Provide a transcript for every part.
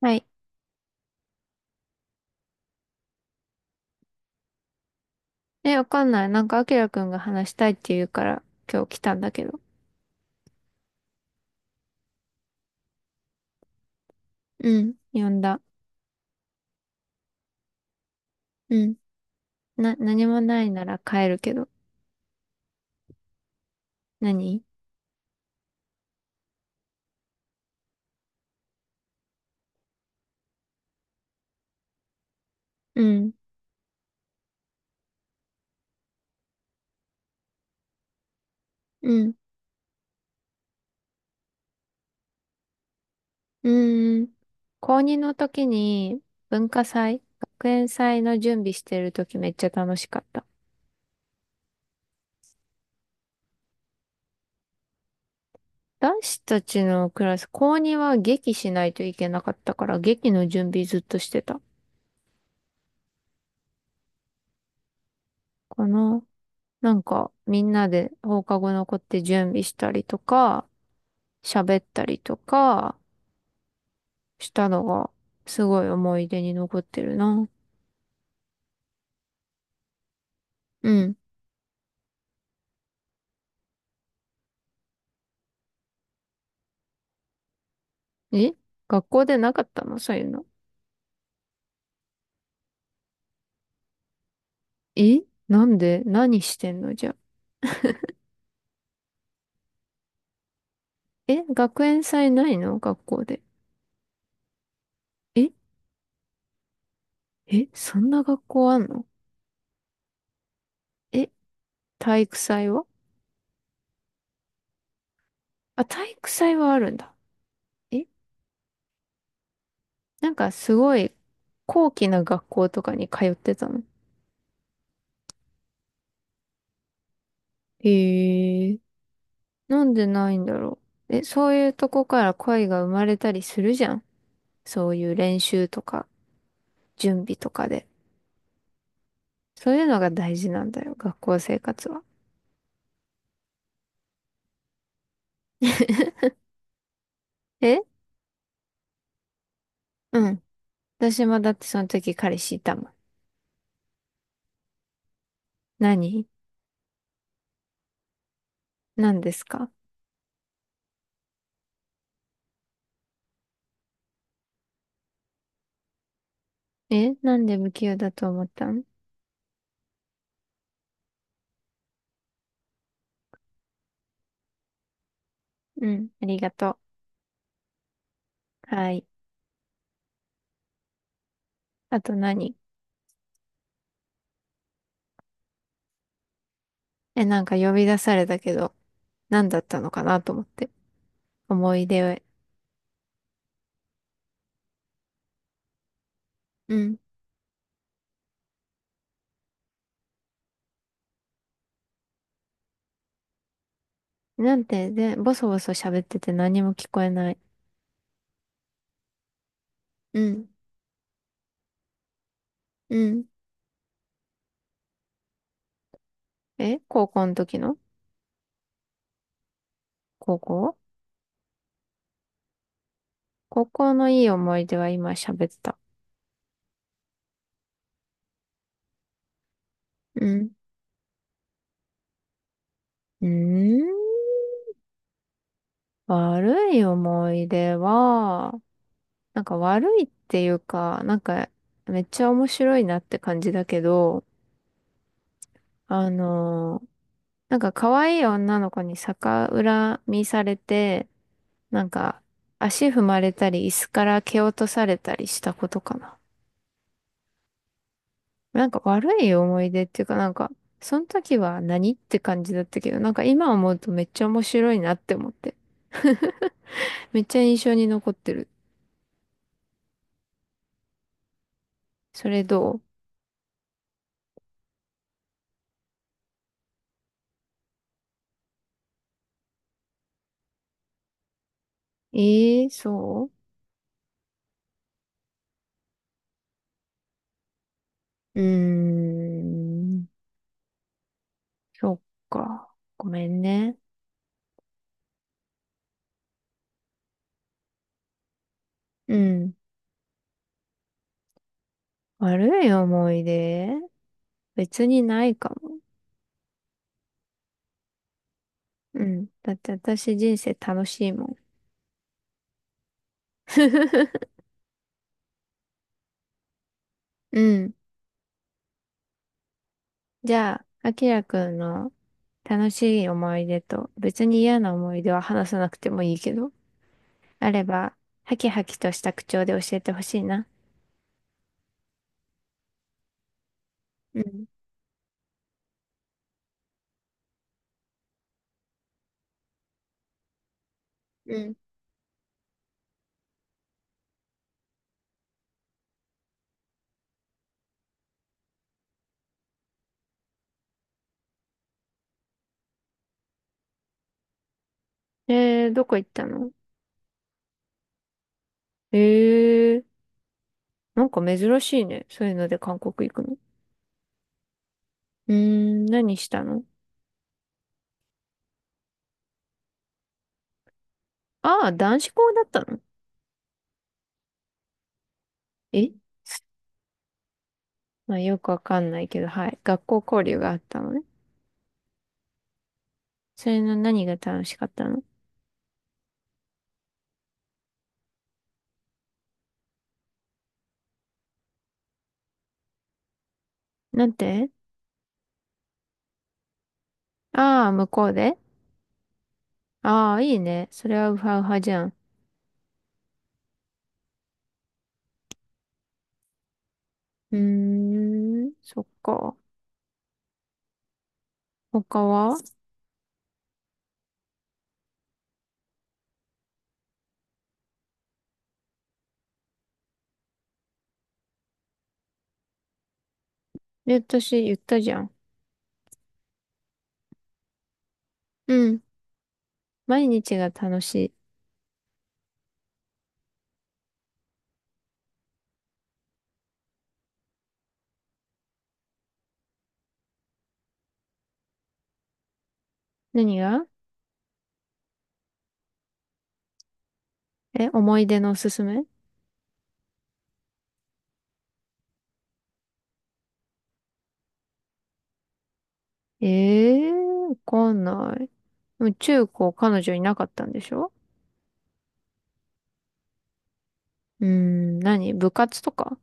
はい。え、わかんない。なんか、あきらくんが話したいって言うから、今日来たんだけど。うん。呼んだ。うん。何もないなら帰るけど。何？うん。うん。うーん。高2の時に、文化祭、学園祭の準備してる時めっちゃ楽しかった。男子たちのクラス、高2は劇しないといけなかったから、劇の準備ずっとしてた。かな。なんか、みんなで放課後残って準備したりとか、喋ったりとかしたのが、すごい思い出に残ってるな。うん。え、学校でなかったの、そういうの？え、なんで何してんのじゃあ？え、学園祭ないの、学校で？ええ、そんな学校あんの？え、体育祭は？あ、体育祭はあるんだ。え、なんかすごい高貴な学校とかに通ってたの？へえ。なんでないんだろう。え、そういうとこから恋が生まれたりするじゃん。そういう練習とか、準備とかで。そういうのが大事なんだよ、学校生活は。え、うん。私もだってその時彼氏いたもん。何？何ですか？え、なんで無給だと思ったん？うん、ありがとう。はい。あと何？え、なんか呼び出されたけど、何だったのかなと思って。思い出を。うん。なんて、で、ボソボソ喋ってて何も聞こえない。うん。うん。え、高校の時の？高校？高校のいい思い出は今喋った。うん。うーん。悪い思い出は、なんか悪いっていうか、なんかめっちゃ面白いなって感じだけど、あのーなんか可愛い女の子に逆恨みされて、なんか足踏まれたり椅子から蹴落とされたりしたことかな。なんか悪い思い出っていうかなんか、その時は何って感じだったけど、なんか今思うとめっちゃ面白いなって思って、めっちゃ印象に残ってる。それどう？ええー、そう。うーん。そっか。ごめんね。うん。悪い思い出？別にないかも。うん。だって私人生楽しいもん。うん。じゃあ、あきらくんの楽しい思い出と別に嫌な思い出は話さなくてもいいけど、あれば、ハキハキとした口調で教えてほしいな。うん。うん。えー、どこ行ったの？えー、なんか珍しいね。そういうので韓国行くの？うーん、何したの？ああ、男子校だったの？え。まあよくわかんないけど、はい。学校交流があったのね。それの何が楽しかったの？なんて？ああ、向こうで？ああ、いいね。それはウハウハじゃん。うーん、そっか。他は？え、私言ったじゃん。うん。毎日が楽しい。何が？え、思い出のおすすめ？ええー、わかんない。でも中高彼女いなかったんでしょ？うーん、何、部活とか？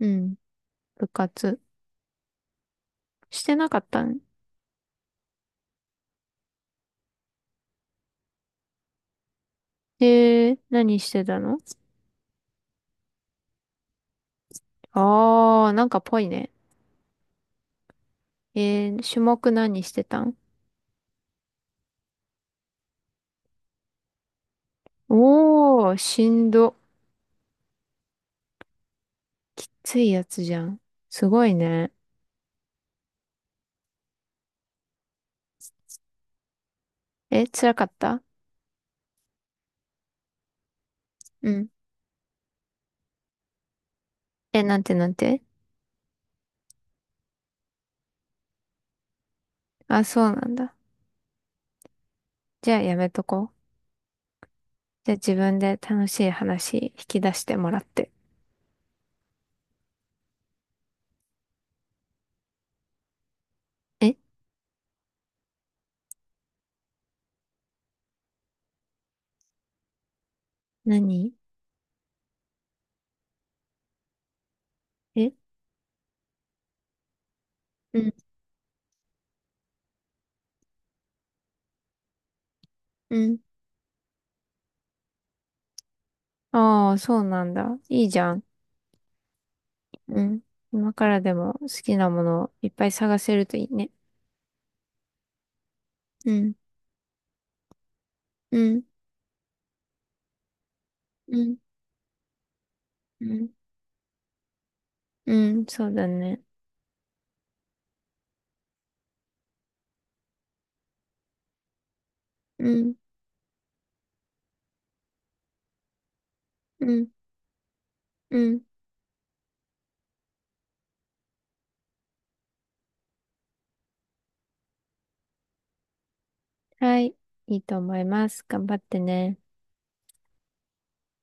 うん。部活。してなかったん？えー、何してたの？あー、なんかぽいね。えー、種目何してたん？おー、しんど。ついやつじゃん。すごいね。え、辛かった？うん。え、なんてなんて？あ、そうなんだ。じゃあやめとこう。じゃあ自分で楽しい話引き出してもらって。え、何？え、うん、うん。ああ、そうなんだ。いいじゃん。うん。今からでも好きなものをいっぱい探せるといいね。うん。うん、うん、うん、うん、そうだね。うん、うん、うん。はい。いいと思います。頑張ってね。